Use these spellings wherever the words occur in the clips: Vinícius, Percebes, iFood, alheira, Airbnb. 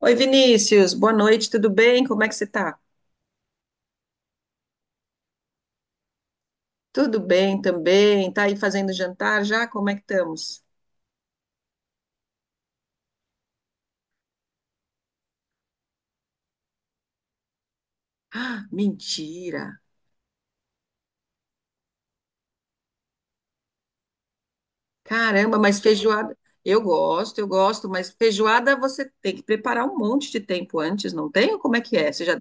Oi, Vinícius, boa noite, tudo bem? Como é que você tá? Tudo bem também. Tá aí fazendo jantar já? Como é que estamos? Ah, mentira! Caramba, mas feijoada. Eu gosto, mas feijoada você tem que preparar um monte de tempo antes, não tem? Ou como é que é? Você já.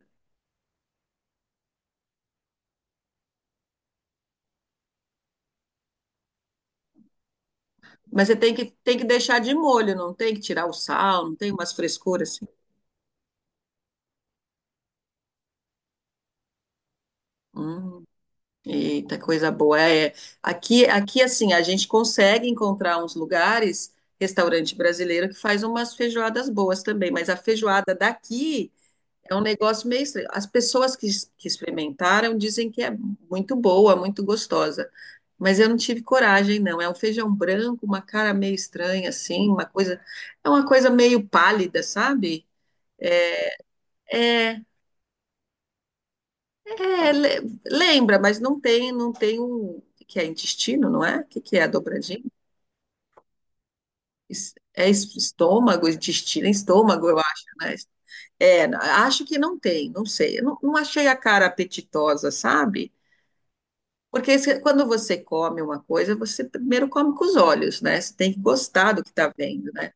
Mas você tem que deixar de molho, não tem que tirar o sal, não tem umas frescuras assim. Hum. Eita, coisa boa. É, aqui, assim, a gente consegue encontrar uns lugares, restaurante brasileiro, que faz umas feijoadas boas também, mas a feijoada daqui é um negócio meio estranho. As pessoas que experimentaram dizem que é muito boa, muito gostosa, mas eu não tive coragem, não. É um feijão branco, uma cara meio estranha, assim, é uma coisa meio pálida, sabe? é é, É, lembra, mas não tem um, o que que é intestino, não é? O que que é a dobradinha? É estômago, intestino, é estômago, eu acho, né? É, acho que não tem, não sei. Eu não achei a cara apetitosa, sabe? Porque quando você come uma coisa, você primeiro come com os olhos, né? Você tem que gostar do que está vendo, né?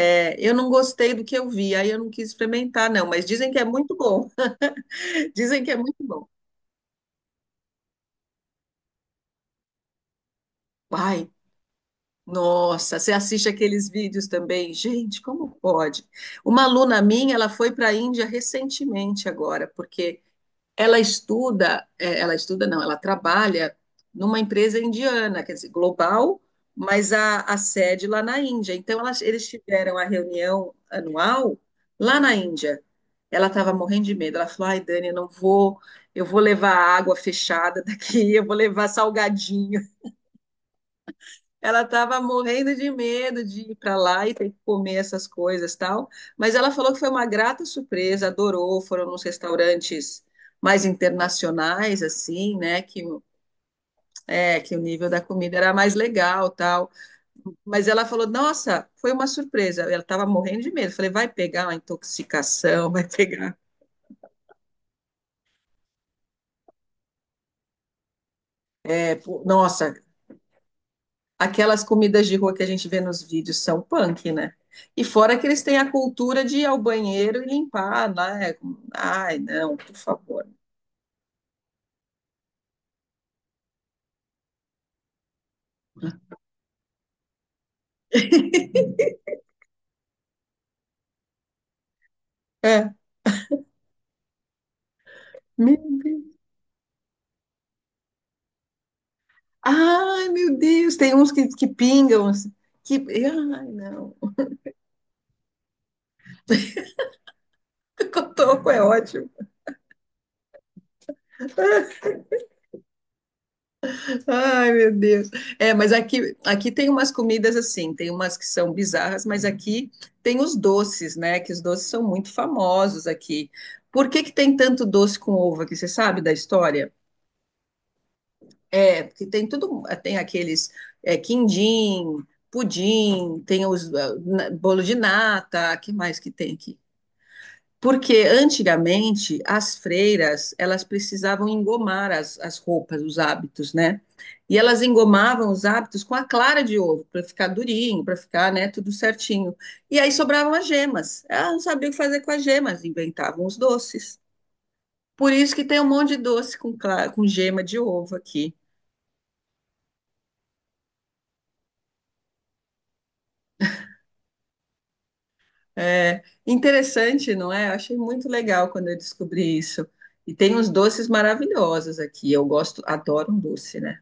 É, eu não gostei do que eu vi, aí eu não quis experimentar, não, mas dizem que é muito bom. Dizem que é muito bom. Ai, nossa, você assiste aqueles vídeos também? Gente, como pode? Uma aluna minha, ela foi para a Índia recentemente agora, porque ela estuda, ela estuda não, ela trabalha numa empresa indiana, quer dizer, global, mas a sede lá na Índia. Então, eles tiveram a reunião anual lá na Índia. Ela estava morrendo de medo. Ela falou: "Ai, Dani, eu não vou, eu vou levar água fechada daqui, eu vou levar salgadinho." Ela estava morrendo de medo de ir para lá e ter que comer essas coisas tal. Mas ela falou que foi uma grata surpresa, adorou. Foram nos restaurantes mais internacionais, assim, né? Que o nível da comida era mais legal tal. Mas ela falou: "Nossa, foi uma surpresa." Ela estava morrendo de medo. Falei: "Vai pegar uma intoxicação, vai pegar." É, pô, nossa. Aquelas comidas de rua que a gente vê nos vídeos são punk, né? E fora que eles têm a cultura de ir ao banheiro e limpar, né? Ai, não, por favor. É. Meu Deus. Ai, meu Deus, tem uns que pingam, assim. Ai, não. Cotoco é ótimo. Ai, meu Deus. É, mas aqui, aqui tem umas comidas assim, tem umas que são bizarras, mas aqui tem os doces, né? Que os doces são muito famosos aqui. Por que que tem tanto doce com uva? Que você sabe da história? É, porque tem tudo, tem aqueles quindim, pudim, tem os bolo de nata, que mais que tem aqui? Porque antigamente as freiras elas precisavam engomar as roupas, os hábitos, né? E elas engomavam os hábitos com a clara de ovo para ficar durinho, para ficar, né, tudo certinho. E aí sobravam as gemas. Elas não sabiam o que fazer com as gemas, inventavam os doces. Por isso que tem um monte de doce com gema de ovo aqui. É interessante, não é? Eu achei muito legal quando eu descobri isso. E tem uns doces maravilhosos aqui. Eu gosto, adoro um doce, né?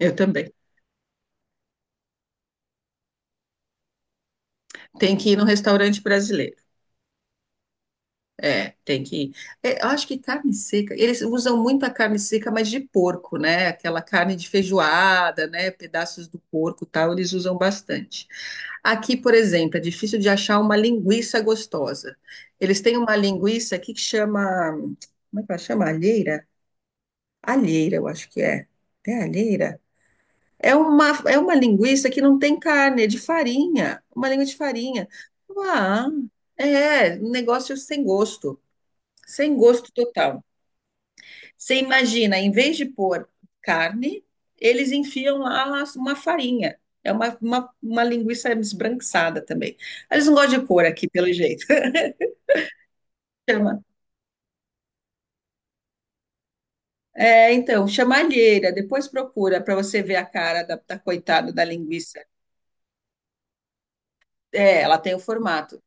Eu também. Tem que ir no restaurante brasileiro. É, tem que ir. É, eu acho que carne seca. Eles usam muito a carne seca, mas de porco, né? Aquela carne de feijoada, né? Pedaços do porco, e tal. Eles usam bastante. Aqui, por exemplo, é difícil de achar uma linguiça gostosa. Eles têm uma linguiça aqui que chama, como é que ela chama? Alheira? Alheira, eu acho que é. É alheira? É uma linguiça que não tem carne, é de farinha. Uma língua de farinha. Ah, é, um negócio sem gosto. Sem gosto total. Você imagina, em vez de pôr carne, eles enfiam lá uma farinha. É uma linguiça esbranquiçada também. Eles não gostam de cor aqui, pelo jeito. Chama. É, então, chama alheira. Depois procura para você ver a cara da coitada da linguiça. É, ela tem o formato.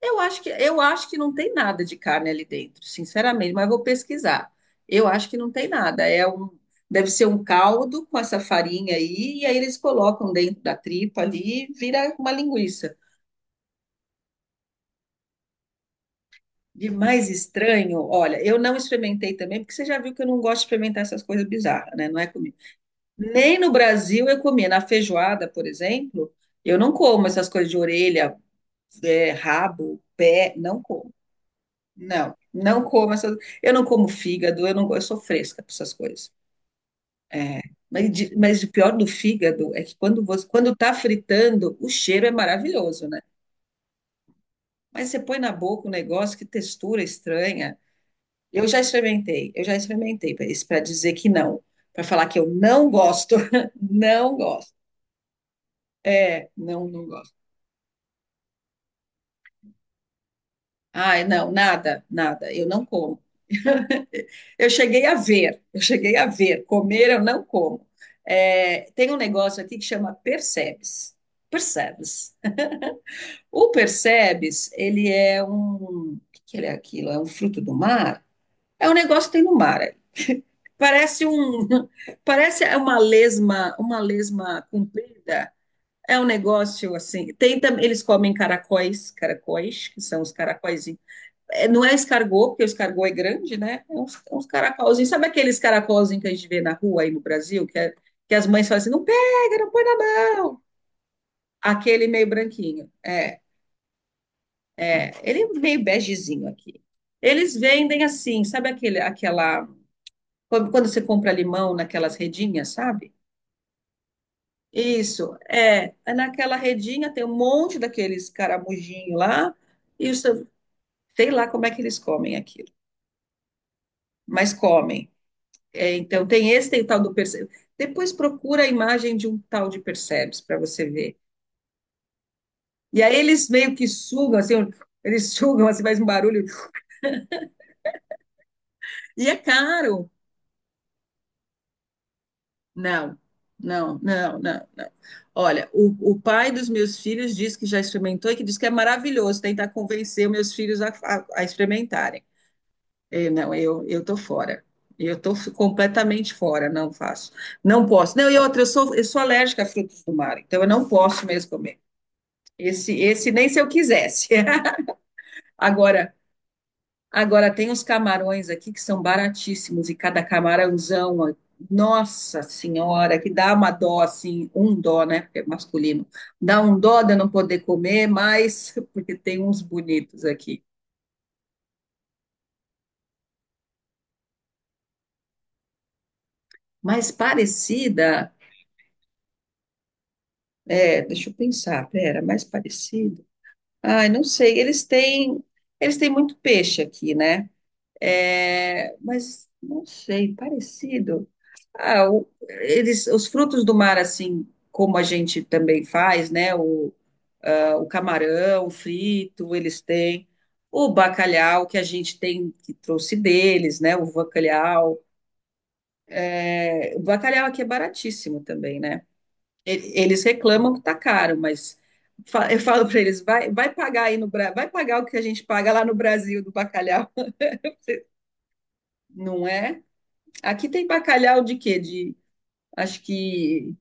Eu acho que não tem nada de carne ali dentro, sinceramente, mas eu vou pesquisar. Eu acho que não tem nada. Deve ser um caldo com essa farinha aí, e aí eles colocam dentro da tripa ali e vira uma linguiça. De mais estranho, olha, eu não experimentei também, porque você já viu que eu não gosto de experimentar essas coisas bizarras, né? Não é comigo. Nem no Brasil eu comia. Na feijoada, por exemplo, eu não como essas coisas de orelha, rabo, pé, não como. Não, não como essas. Eu não como fígado, eu não, eu sou fresca para essas coisas. É, mas, mas o pior do fígado é que quando tá fritando, o cheiro é maravilhoso, né? Mas você põe na boca um negócio que textura estranha. Eu já experimentei para dizer que não, para falar que eu não gosto, não gosto. É, não, não gosto. Ai, não, nada, nada. Eu não como. Eu cheguei a ver, eu cheguei a ver. Comer eu não como. É, tem um negócio aqui que chama Percebes. Percebes. O Percebes, ele é um. O que que ele é aquilo? É um fruto do mar? É um negócio que tem no mar. Parece um. Parece uma lesma comprida. É um negócio assim. Eles comem caracóis, caracóis, que são os caracóis. Não é escargot, porque o escargot é grande, né? É uns caracolzinhos. Sabe aqueles caracolzinhos que a gente vê na rua aí no Brasil, que as mães falam assim, não pega, não põe na mão. Aquele meio branquinho. É, ele é um meio begezinho aqui. Eles vendem assim, sabe aquele, aquela. Quando você compra limão naquelas redinhas, sabe? Isso, é. É. Naquela redinha tem um monte daqueles caramujinhos lá, e sei lá como é que eles comem aquilo, mas comem. É, então, tem esse, tem o tal do Perseus. Depois procura a imagem de um tal de Perseus para você ver. E aí eles meio que sugam, assim, eles sugam, assim, faz um barulho. E é caro. Não, não, não, não, não. Olha, o pai dos meus filhos diz que já experimentou e que diz que é maravilhoso tentar convencer os meus filhos a, a experimentarem. Eu, não, eu tô fora. Eu estou completamente fora, não faço. Não posso. Não, e outra, eu sou, alérgica a frutos do mar, então eu não posso mesmo comer. Esse nem se eu quisesse. Agora, agora tem os camarões aqui que são baratíssimos e cada camarãozão, nossa senhora, que dá uma dó assim, um dó, né? Porque é masculino. Dá um dó de eu não poder comer, mas porque tem uns bonitos aqui. Mais parecida, deixa eu pensar, pera, mais parecido. Ai, não sei, eles têm muito peixe aqui, né? É, mas não sei, parecido. Ah, eles, os frutos do mar, assim como a gente também faz, né? O camarão frito, eles têm. O bacalhau que a gente tem, que trouxe deles, né? O bacalhau. É. O bacalhau aqui é baratíssimo também, né? Eles reclamam que tá caro, mas eu falo para eles, vai pagar aí no Brasil, vai pagar o que a gente paga lá no Brasil do bacalhau, não é? Aqui tem bacalhau de quê? Acho que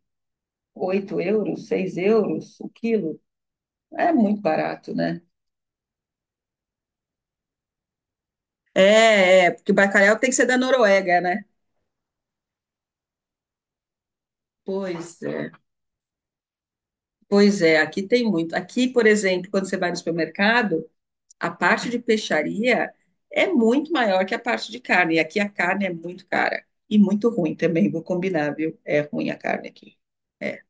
8 euros, 6 euros o quilo. É muito barato, né? É, porque bacalhau tem que ser da Noruega, né? Pois é, pois é, aqui tem muito. Aqui, por exemplo, quando você vai no supermercado, a parte de peixaria é muito maior que a parte de carne. E aqui a carne é muito cara e muito ruim também, vou combinar, viu? É ruim a carne aqui. É,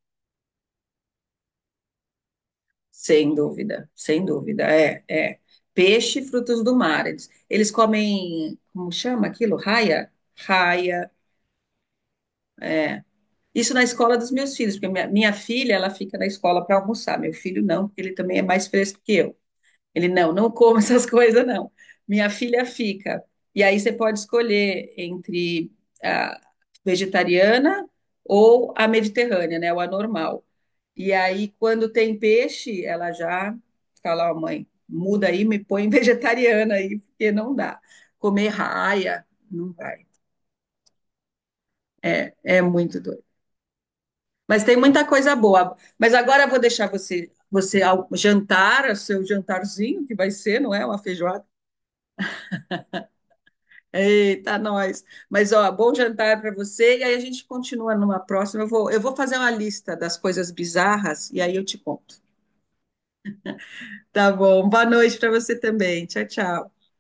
sem dúvida, sem dúvida. É, é. Peixe e frutos do mar. Eles comem, como chama aquilo? Raia? Raia. Isso na escola dos meus filhos, porque minha filha, ela fica na escola para almoçar, meu filho não, porque ele também é mais fresco que eu. Ele não come essas coisas, não. Minha filha fica. E aí você pode escolher entre a vegetariana ou a mediterrânea, né, ou a normal. E aí, quando tem peixe, ela já fala, ó, mãe, muda aí, me põe vegetariana aí, porque não dá. Comer raia, não vai. É, é muito doido. Mas tem muita coisa boa. Mas agora eu vou deixar você ao jantar, o seu jantarzinho, que vai ser, não é? Uma feijoada. Eita, nós. Mas, ó, bom jantar para você. E aí a gente continua numa próxima. Eu vou fazer uma lista das coisas bizarras e aí eu te conto. Tá bom. Boa noite para você também. Tchau, tchau.